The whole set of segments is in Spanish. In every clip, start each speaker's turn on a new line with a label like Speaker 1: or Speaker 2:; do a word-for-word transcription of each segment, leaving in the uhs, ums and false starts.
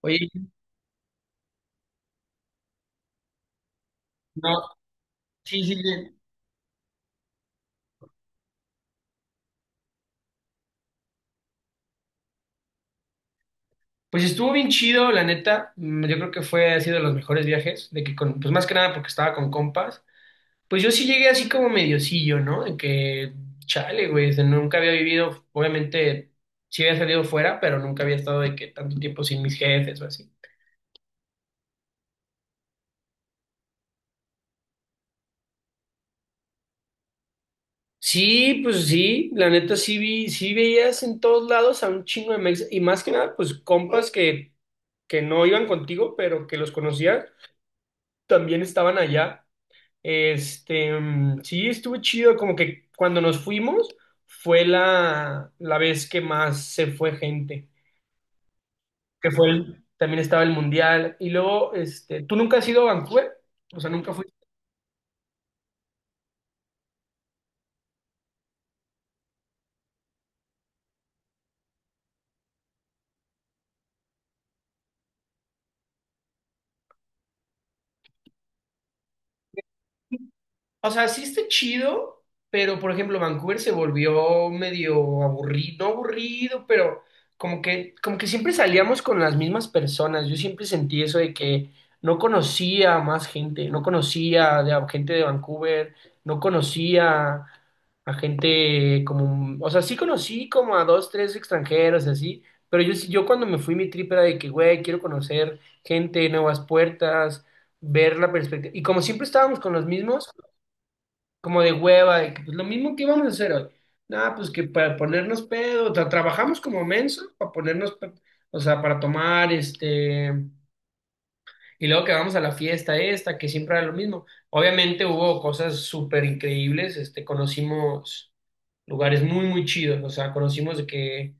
Speaker 1: Oye, no, sí, sí, sí. Pues estuvo bien chido, la neta. Mm, Yo creo que fue así de los mejores viajes, de que con, pues más que nada porque estaba con compas. Pues yo sí llegué así como mediocillo, ¿no? De que, chale, güey, o sea, nunca había vivido, obviamente, sí había salido fuera, pero nunca había estado de que tanto tiempo sin mis jefes o así. Sí, pues sí, la neta sí vi, sí veías en todos lados a un chingo de mex y más que nada, pues compas que, que no iban contigo, pero que los conocías, también estaban allá. Este, mm, sí, estuvo chido, como que cuando nos fuimos fue la, la vez que más se fue gente, que fue el- también estaba el mundial. Y luego, este, ¿tú nunca has ido a Vancouver? O sea, nunca. O sea, sí está chido, pero por ejemplo, Vancouver se volvió medio aburrido, no aburrido, pero como que, como que siempre salíamos con las mismas personas. Yo siempre sentí eso de que no conocía a más gente, no conocía de, a gente de Vancouver, no conocía a gente como, o sea, sí conocí como a dos, tres extranjeros y así, pero yo, sí- yo cuando me fui mi trip era de que, güey, quiero conocer gente, nuevas puertas, ver la perspectiva. Y como siempre estábamos con los mismos, como de hueva, de que pues lo mismo que íbamos a hacer hoy. Nada, pues que para ponernos pedo, tra- trabajamos como menso para ponernos, pe- o sea, para tomar, este, y luego que vamos a la fiesta esta, que siempre era lo mismo. Obviamente hubo cosas súper increíbles, este, conocimos lugares muy, muy chidos, o sea, conocimos de que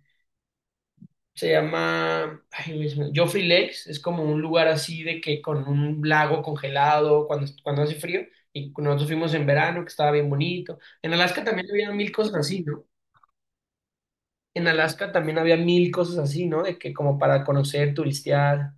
Speaker 1: se llama, ay, güey, se me- Joffrey Lakes, es como un lugar así de que con un lago congelado cuando, cuando hace frío, y nosotros fuimos en verano, que estaba bien bonito. En Alaska también había mil cosas así, ¿no? En Alaska también había mil cosas así, ¿no? De que como para conocer, turistear.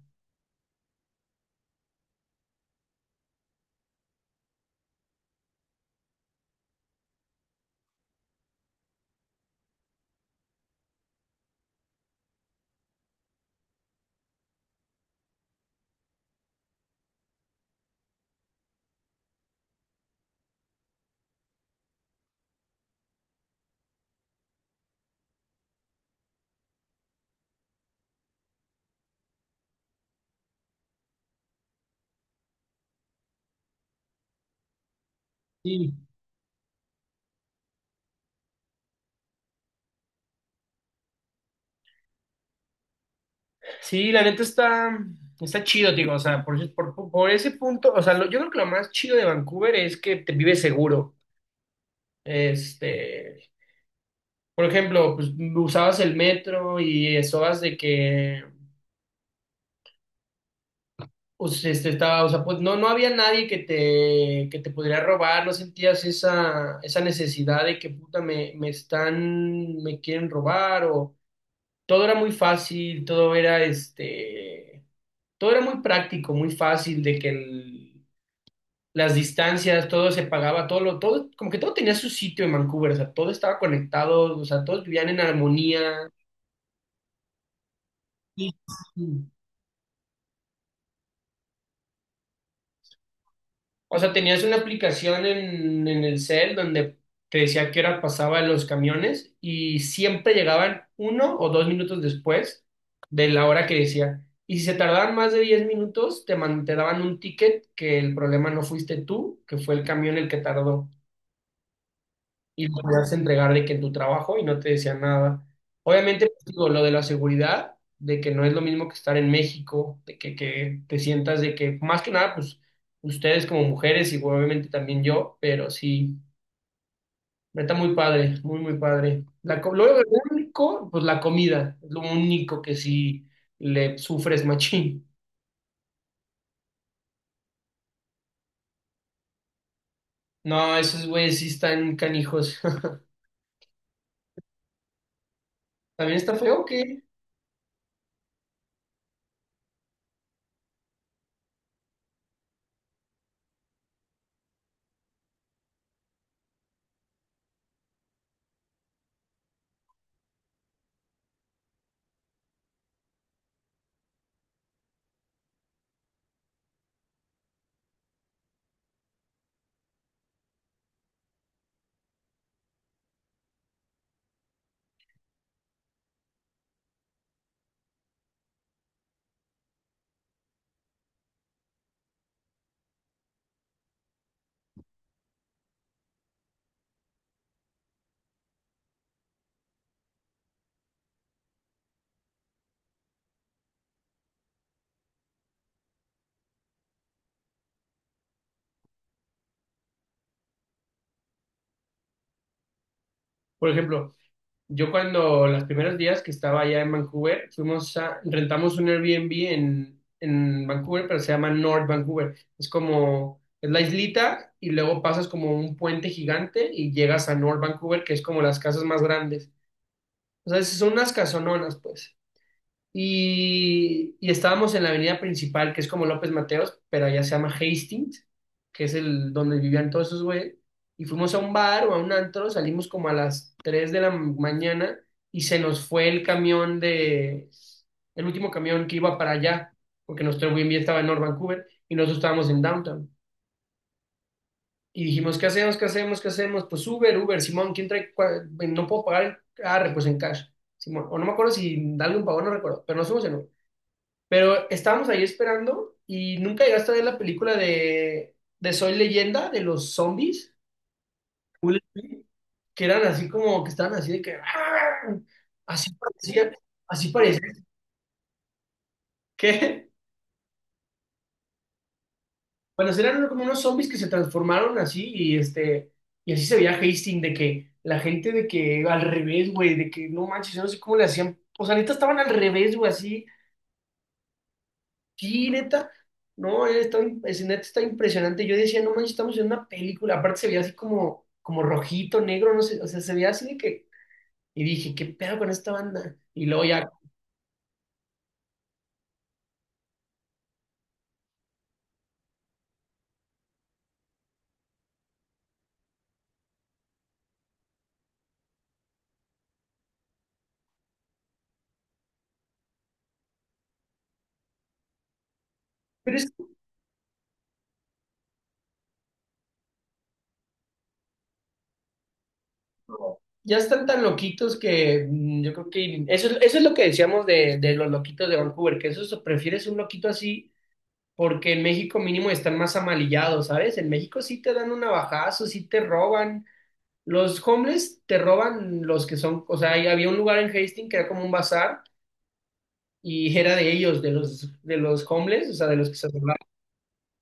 Speaker 1: Sí, sí, la neta está, está chido, digo, o sea, por, ese- por, por ese punto, o sea, lo- yo creo que lo más chido de Vancouver es que te vives seguro. Este, por ejemplo, pues usabas el metro y estabas de que. O sea, este, estaba, o sea, pues no, no había nadie que te, que te pudiera robar, no sentías esa, esa necesidad de que puta me, me están, me quieren robar, o todo era muy fácil, todo era este, todo era muy práctico, muy fácil, de que el- las distancias, todo se pagaba, todo lo, todo, como que todo tenía su sitio en Vancouver, o sea, todo estaba conectado, o sea, todos vivían en armonía. Sí. Sí. O sea, tenías una aplicación en, en el cel donde te decía qué hora pasaban los camiones y siempre llegaban uno o dos minutos después de la hora que decía. Y si se tardaban más de diez minutos, te, man- te daban un ticket que el problema no fuiste tú, que fue el camión el que tardó y lo podías entregar de que en tu trabajo y no te decían nada. Obviamente, pues, digo, lo de la seguridad, de que no es lo mismo que estar en México, de que, que te sientas de que, más que nada, pues ustedes como mujeres y obviamente también yo, pero sí, está muy padre, muy, muy padre. La, co- lo único, pues la comida, es lo único que sí le sufres machín. No, esos güeyes sí están canijos. También está feo que, por ejemplo, yo cuando los primeros días que estaba allá en Vancouver, fuimos a, rentamos un Airbnb en, en Vancouver, pero se llama North Vancouver. Es como, es la islita y luego pasas como un puente gigante y llegas a North Vancouver, que es como las casas más grandes. O sea, son unas casononas, pues. Y, y estábamos en la avenida principal, que es como López Mateos, pero allá se llama Hastings, que es el donde vivían todos esos güeyes. Y fuimos a un bar o a un antro, salimos como a las tres de la mañana y se nos fue el camión de, el último camión que iba para allá, porque nuestro Airbnb estaba en North Vancouver y nosotros estábamos en Downtown. Y dijimos, ¿qué hacemos? ¿Qué hacemos? ¿Qué hacemos? Pues Uber, Uber, Simón, ¿quién trae? cua- No puedo pagar, ah, pues en cash. Simón, o no me acuerdo si alguien pagó, no recuerdo, pero nos fuimos en Uber. Pero estábamos ahí esperando y nunca llegaste a ver la película de, de Soy Leyenda, de los zombies, Will Smith, que eran así como, que estaban así de que, "Ah", así parecía, así parecía, que, bueno, sí eran como unos zombies que se transformaron así y este, y así se veía Hastings de que la gente de que al revés, güey, de que no manches, yo no sé cómo le hacían, o sea, neta estaban al revés, güey, así. Sí, neta. No, él está es, neta está impresionante. Yo decía, no manches, estamos en una película. Aparte se veía así como, como rojito, negro, no sé, o sea, se veía así de que. Y dije, ¿qué pedo con esta banda? Y luego ya. Pero es que como- ya están tan loquitos que mm, yo creo que. Eso, es- eso es lo que decíamos de, de los loquitos de Vancouver, que eso es- prefieres un loquito así, porque en México mínimo están más amalillados, ¿sabes? En México sí te dan un navajazo, sí te roban. Los homeless te roban los que son, o sea, ahí había un lugar en Hastings que era como un bazar y era de ellos, de los, de los homeless, o sea, de los que se robaban,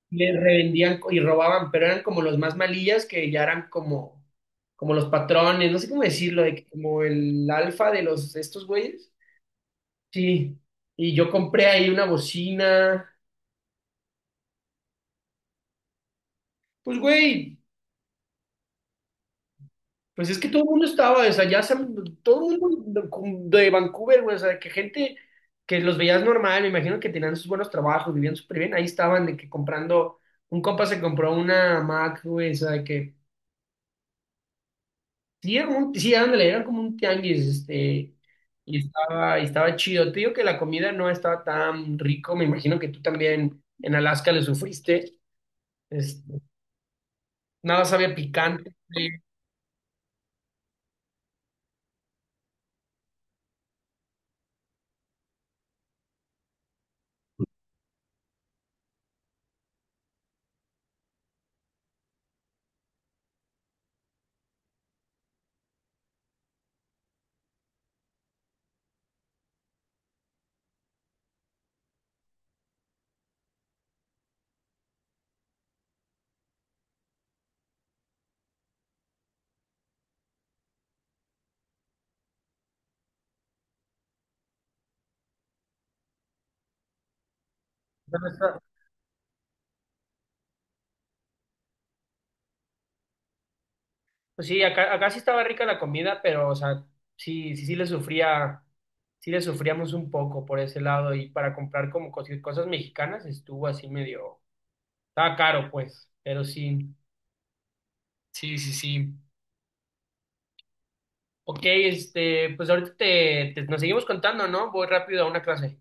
Speaker 1: les revendían y robaban, pero eran como los más malillas que ya eran como, como los patrones, no sé cómo decirlo, de que como el alfa de los, de estos güeyes. Sí, y yo compré ahí una bocina, pues güey. Pues es que todo el mundo estaba, o sea, ya se- todo el mundo de Vancouver, güey, o sea, que gente que los veías normal, me imagino que tenían sus buenos trabajos, vivían súper bien, ahí estaban de que comprando, un compa se compró una Mac, güey, o sea, de que sí, era un, sí, ándale, era como un tianguis, este, y estaba, y estaba chido. Te digo que la comida no estaba tan rico, me imagino que tú también en Alaska le sufriste, este, nada sabía picante. Pues sí, acá, acá sí estaba rica la comida, pero, o sea, sí, sí, sí le sufría, sí le sufríamos un poco por ese lado y para comprar como cosi- cosas mexicanas estuvo así medio, estaba caro pues, pero sí, sí, sí, sí. Ok, este, pues ahorita te, te- nos seguimos contando, ¿no? Voy rápido a una clase.